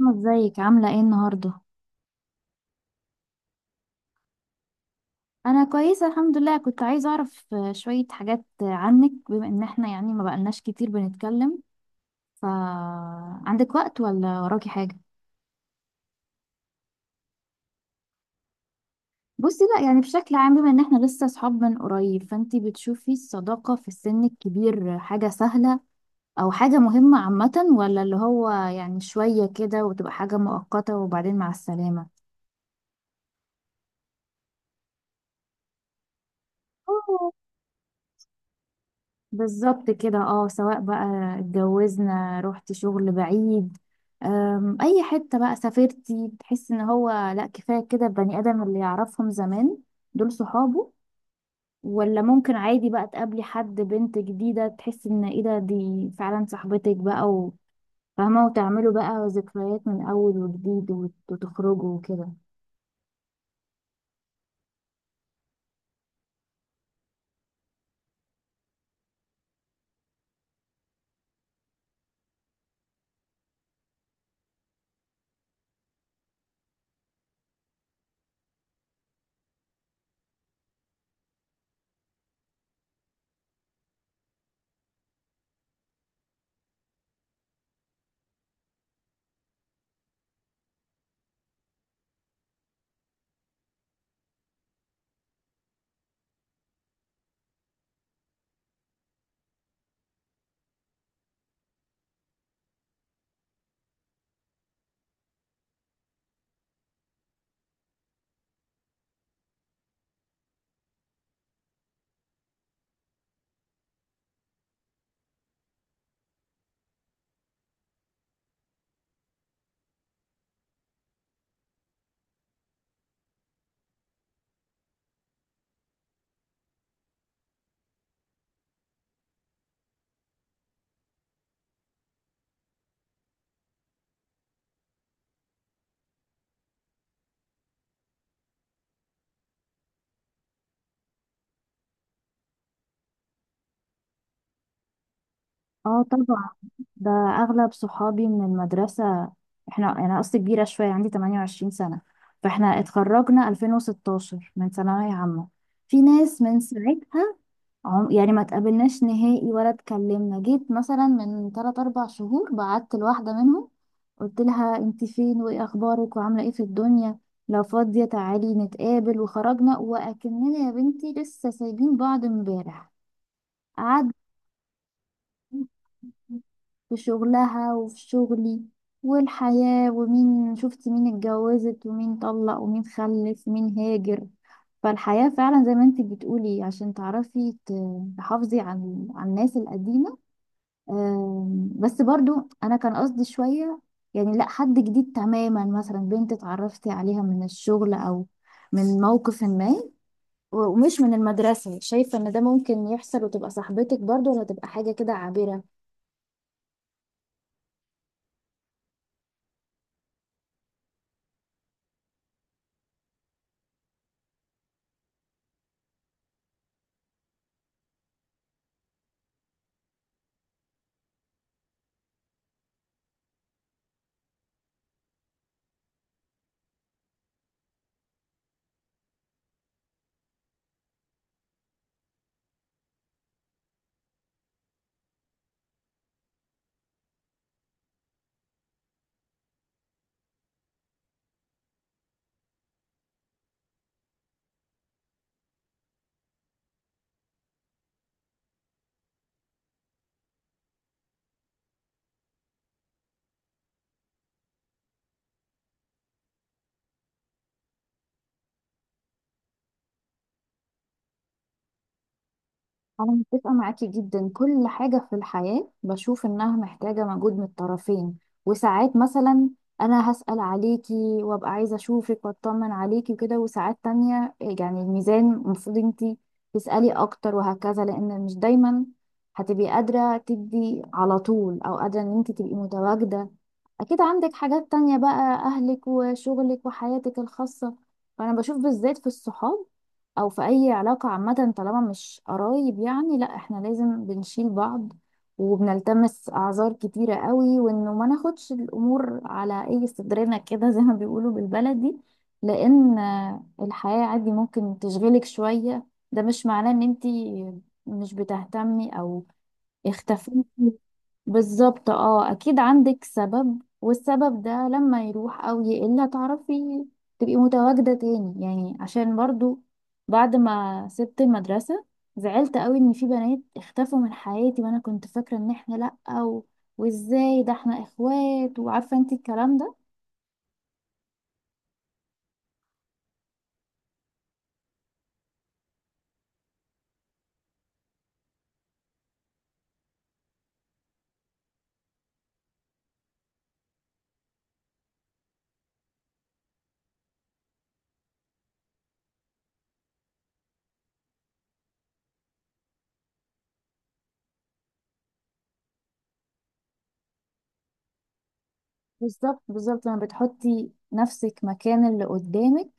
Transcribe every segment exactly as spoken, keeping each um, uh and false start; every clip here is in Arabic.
أنا، ازيك؟ عاملة ايه النهاردة؟ أنا كويسة الحمد لله. كنت عايزة أعرف آه، شوية حاجات آه، عنك، بما إن احنا يعني ما بقالناش كتير بنتكلم، ف عندك وقت ولا وراكي حاجة؟ بصي، لا، يعني بشكل عام، بما إن احنا لسه صحاب من قريب، فانتي بتشوفي الصداقة في السن الكبير حاجة سهلة أو حاجة مهمة عامة، ولا اللي هو يعني شوية كده وتبقى حاجة مؤقتة وبعدين مع السلامة؟ بالظبط كده، اه، سواء بقى اتجوزنا، رحت شغل بعيد، أم، اي حتة بقى سافرتي، تحس ان هو لا، كفاية كده البني ادم اللي يعرفهم زمان دول صحابه، ولا ممكن عادي بقى تقابلي حد، بنت جديدة، تحس ان ايه ده، دي فعلا صاحبتك بقى وفاهمة، وتعملوا بقى ذكريات من اول وجديد، وت- وتخرجوا وكده؟ اه طبعا. ده اغلب صحابي من المدرسة. احنا، انا قصدي، كبيرة شوية، عندي تمانية وعشرين سنة، فاحنا اتخرجنا ألفين وستاشر من ثانوية عامة. في ناس من ساعتها عم... يعني ما تقابلناش نهائي ولا اتكلمنا. جيت مثلا من تلاتة أربعة شهور بعت لواحدة منهم، قلت لها انت فين وايه اخبارك وعاملة ايه في الدنيا؟ لو فاضية تعالي نتقابل. وخرجنا وأكننا يا بنتي لسه سايبين بعض امبارح. قعدنا في شغلها وفي شغلي والحياة، ومين شفت، مين اتجوزت، ومين طلق، ومين خلف، ومين هاجر. فالحياة فعلا زي ما انت بتقولي، عشان تعرفي ت- تحافظي عن عن الناس القديمة. أم، بس برضو انا كان قصدي شوية، يعني لا حد جديد تماما، مثلا بنت اتعرفتي عليها من الشغل او من موقف ما، و- ومش من المدرسة. شايفة ان ده ممكن يحصل وتبقى صاحبتك برضو، ولا تبقى حاجة كده عابرة؟ أنا متفقة معاكي جدا. كل حاجة في الحياة بشوف إنها محتاجة مجهود من الطرفين. وساعات مثلا أنا هسأل عليكي وأبقى عايزة أشوفك وأطمن عليكي وكده، وساعات تانية يعني الميزان المفروض انتي تسألي أكتر، وهكذا، لأن مش دايما هتبقي قادرة تدي على طول أو قادرة إن انتي تبقي متواجدة. أكيد عندك حاجات تانية بقى، أهلك وشغلك وحياتك الخاصة. فأنا بشوف، بالذات في الصحاب او في اي علاقة عامة طالما مش قرايب، يعني لا، احنا لازم بنشيل بعض، وبنلتمس اعذار كتيرة قوي، وانه ما ناخدش الامور على اي صدرنا كده زي ما بيقولوا بالبلدي، لان آه، الحياة عادي ممكن تشغلك شوية. ده مش معناه ان انتي مش بتهتمي او اختفيتي. بالظبط، اه، اكيد عندك سبب، والسبب ده لما يروح او يقل هتعرفي تبقي متواجدة تاني. يعني عشان برضو بعد ما سبت المدرسة زعلت قوي ان في بنات اختفوا من حياتي، وانا كنت فاكرة ان احنا لأ، و... وازاي ده، احنا اخوات، وعارفة انت الكلام ده. بالظبط بالظبط، لما بتحطي نفسك مكان اللي قدامك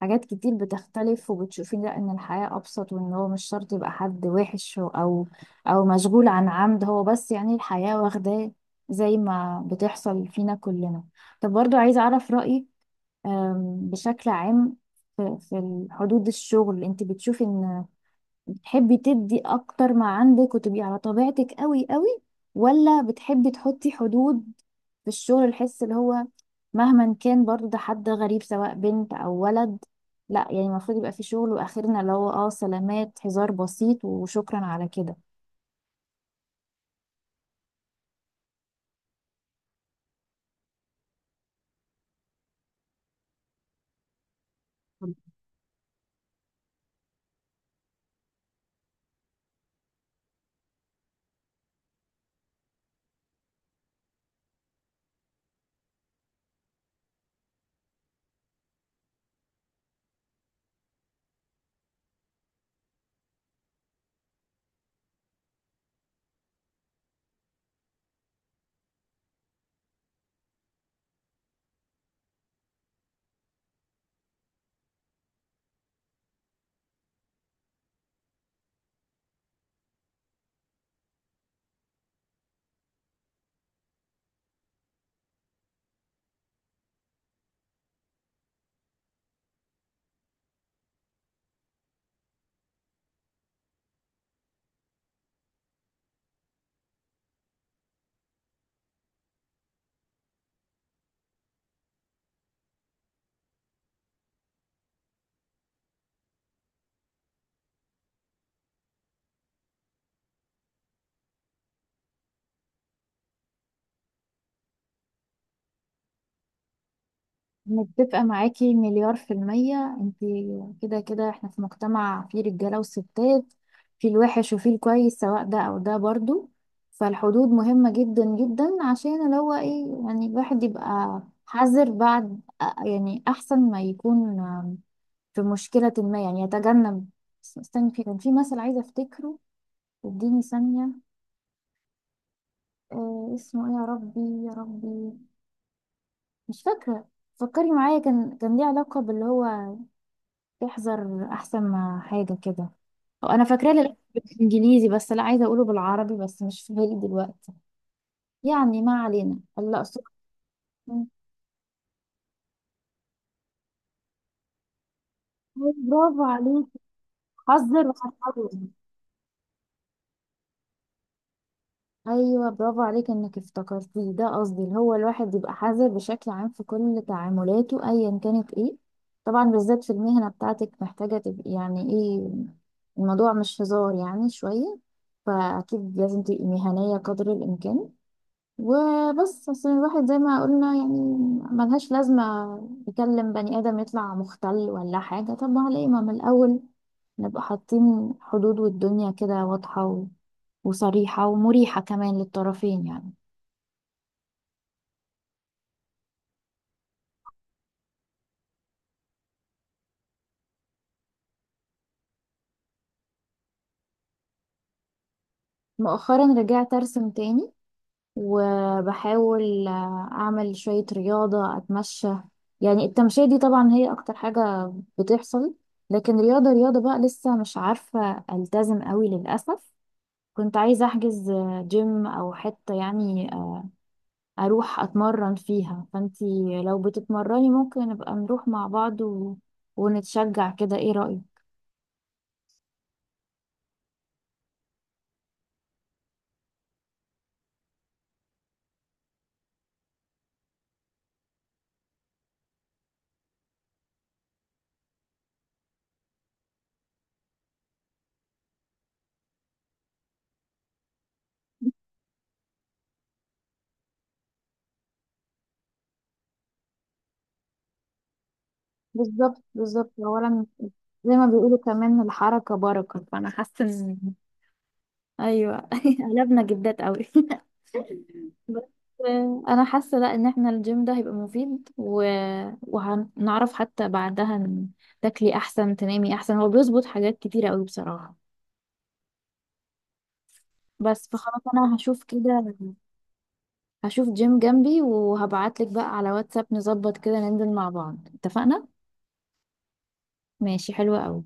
حاجات كتير بتختلف، وبتشوفي لا، ان الحياة ابسط، وان هو مش شرط يبقى حد وحش او او مشغول عن عمد، هو بس يعني الحياة واخداه، زي ما بتحصل فينا كلنا. طب برضو عايزة اعرف رأيك، أم، بشكل عام، في في حدود الشغل انت بتشوفي ان تحبي تدي اكتر ما عندك وتبقي على طبيعتك قوي قوي، ولا بتحبي تحطي حدود في الشغل؟ الحس اللي هو مهما كان برضو ده حد غريب، سواء بنت او ولد، لا يعني المفروض يبقى في شغل واخرنا، اللي هو اه سلامات، هزار بسيط، وشكرا على كده. متفقة معاكي مليار في المية. انتي كده كده احنا في مجتمع فيه رجالة وستات، فيه الوحش وفيه الكويس، سواء ده او ده برضو. فالحدود مهمة جدا جدا، عشان اللي هو ايه، يعني الواحد يبقى حذر. بعد يعني احسن ما يكون في مشكلة ما، يعني يتجنب. استني، في كان في مثل عايزة افتكره، اديني ثانية. اه، اسمه ايه يا ربي؟ يا ربي، مش فاكرة. فكري معايا، كان كان ليه علاقة باللي هو تحذر احسن ما حاجه كده. أو انا فاكراه للأسف بالانجليزي، بس لا عايزه اقوله بالعربي، بس مش في بالي دلوقتي. يعني ما علينا. الله أصدق. برافو عليك. حذر وحذر. ايوه، برافو عليك انك افتكرتيه. ده قصدي، اللي هو الواحد يبقى حذر بشكل عام في كل تعاملاته ايا كانت، ايه طبعا، بالذات في المهنه بتاعتك، محتاجه تبقي يعني ايه، الموضوع مش هزار يعني شويه، فاكيد لازم تبقي مهنيه قدر الامكان. وبس، اصل الواحد زي ما قلنا يعني ملهاش لازمة يكلم بني آدم يطلع مختل ولا حاجة. طب ما ليه، ما من الأول نبقى حاطين حدود، والدنيا كده واضحة و- وصريحة ومريحة كمان للطرفين يعني. مؤخرا رجعت أرسم تاني، وبحاول آه، أعمل شوية رياضة، أتمشى. يعني التمشية دي طبعا هي أكتر حاجة بتحصل، لكن رياضة رياضة بقى لسه مش عارفة ألتزم قوي للأسف. كنت عايزة أحجز جيم أو حتة يعني أروح أتمرن فيها، فأنتي لو بتتمرني ممكن نبقى نروح مع بعض و... ونتشجع كده. إيه رأيك؟ بالظبط بالظبط. أولا، زي ما بيقولوا كمان الحركة بركة، فأنا حاسة إن... أيوه. قلبنا جدات قوي. بس أنا حاسة، لأ، إن إحنا الجيم ده هيبقى مفيد و... وهنعرف حتى بعدها إن تاكلي أحسن، تنامي أحسن، هو بيظبط حاجات كتيرة قوي بصراحة. بس، فخلاص انا هشوف كده، هشوف جيم جنبي وهبعتلك بقى على واتساب، نظبط كده ننزل مع بعض. اتفقنا. ماشي، حلوة قوي.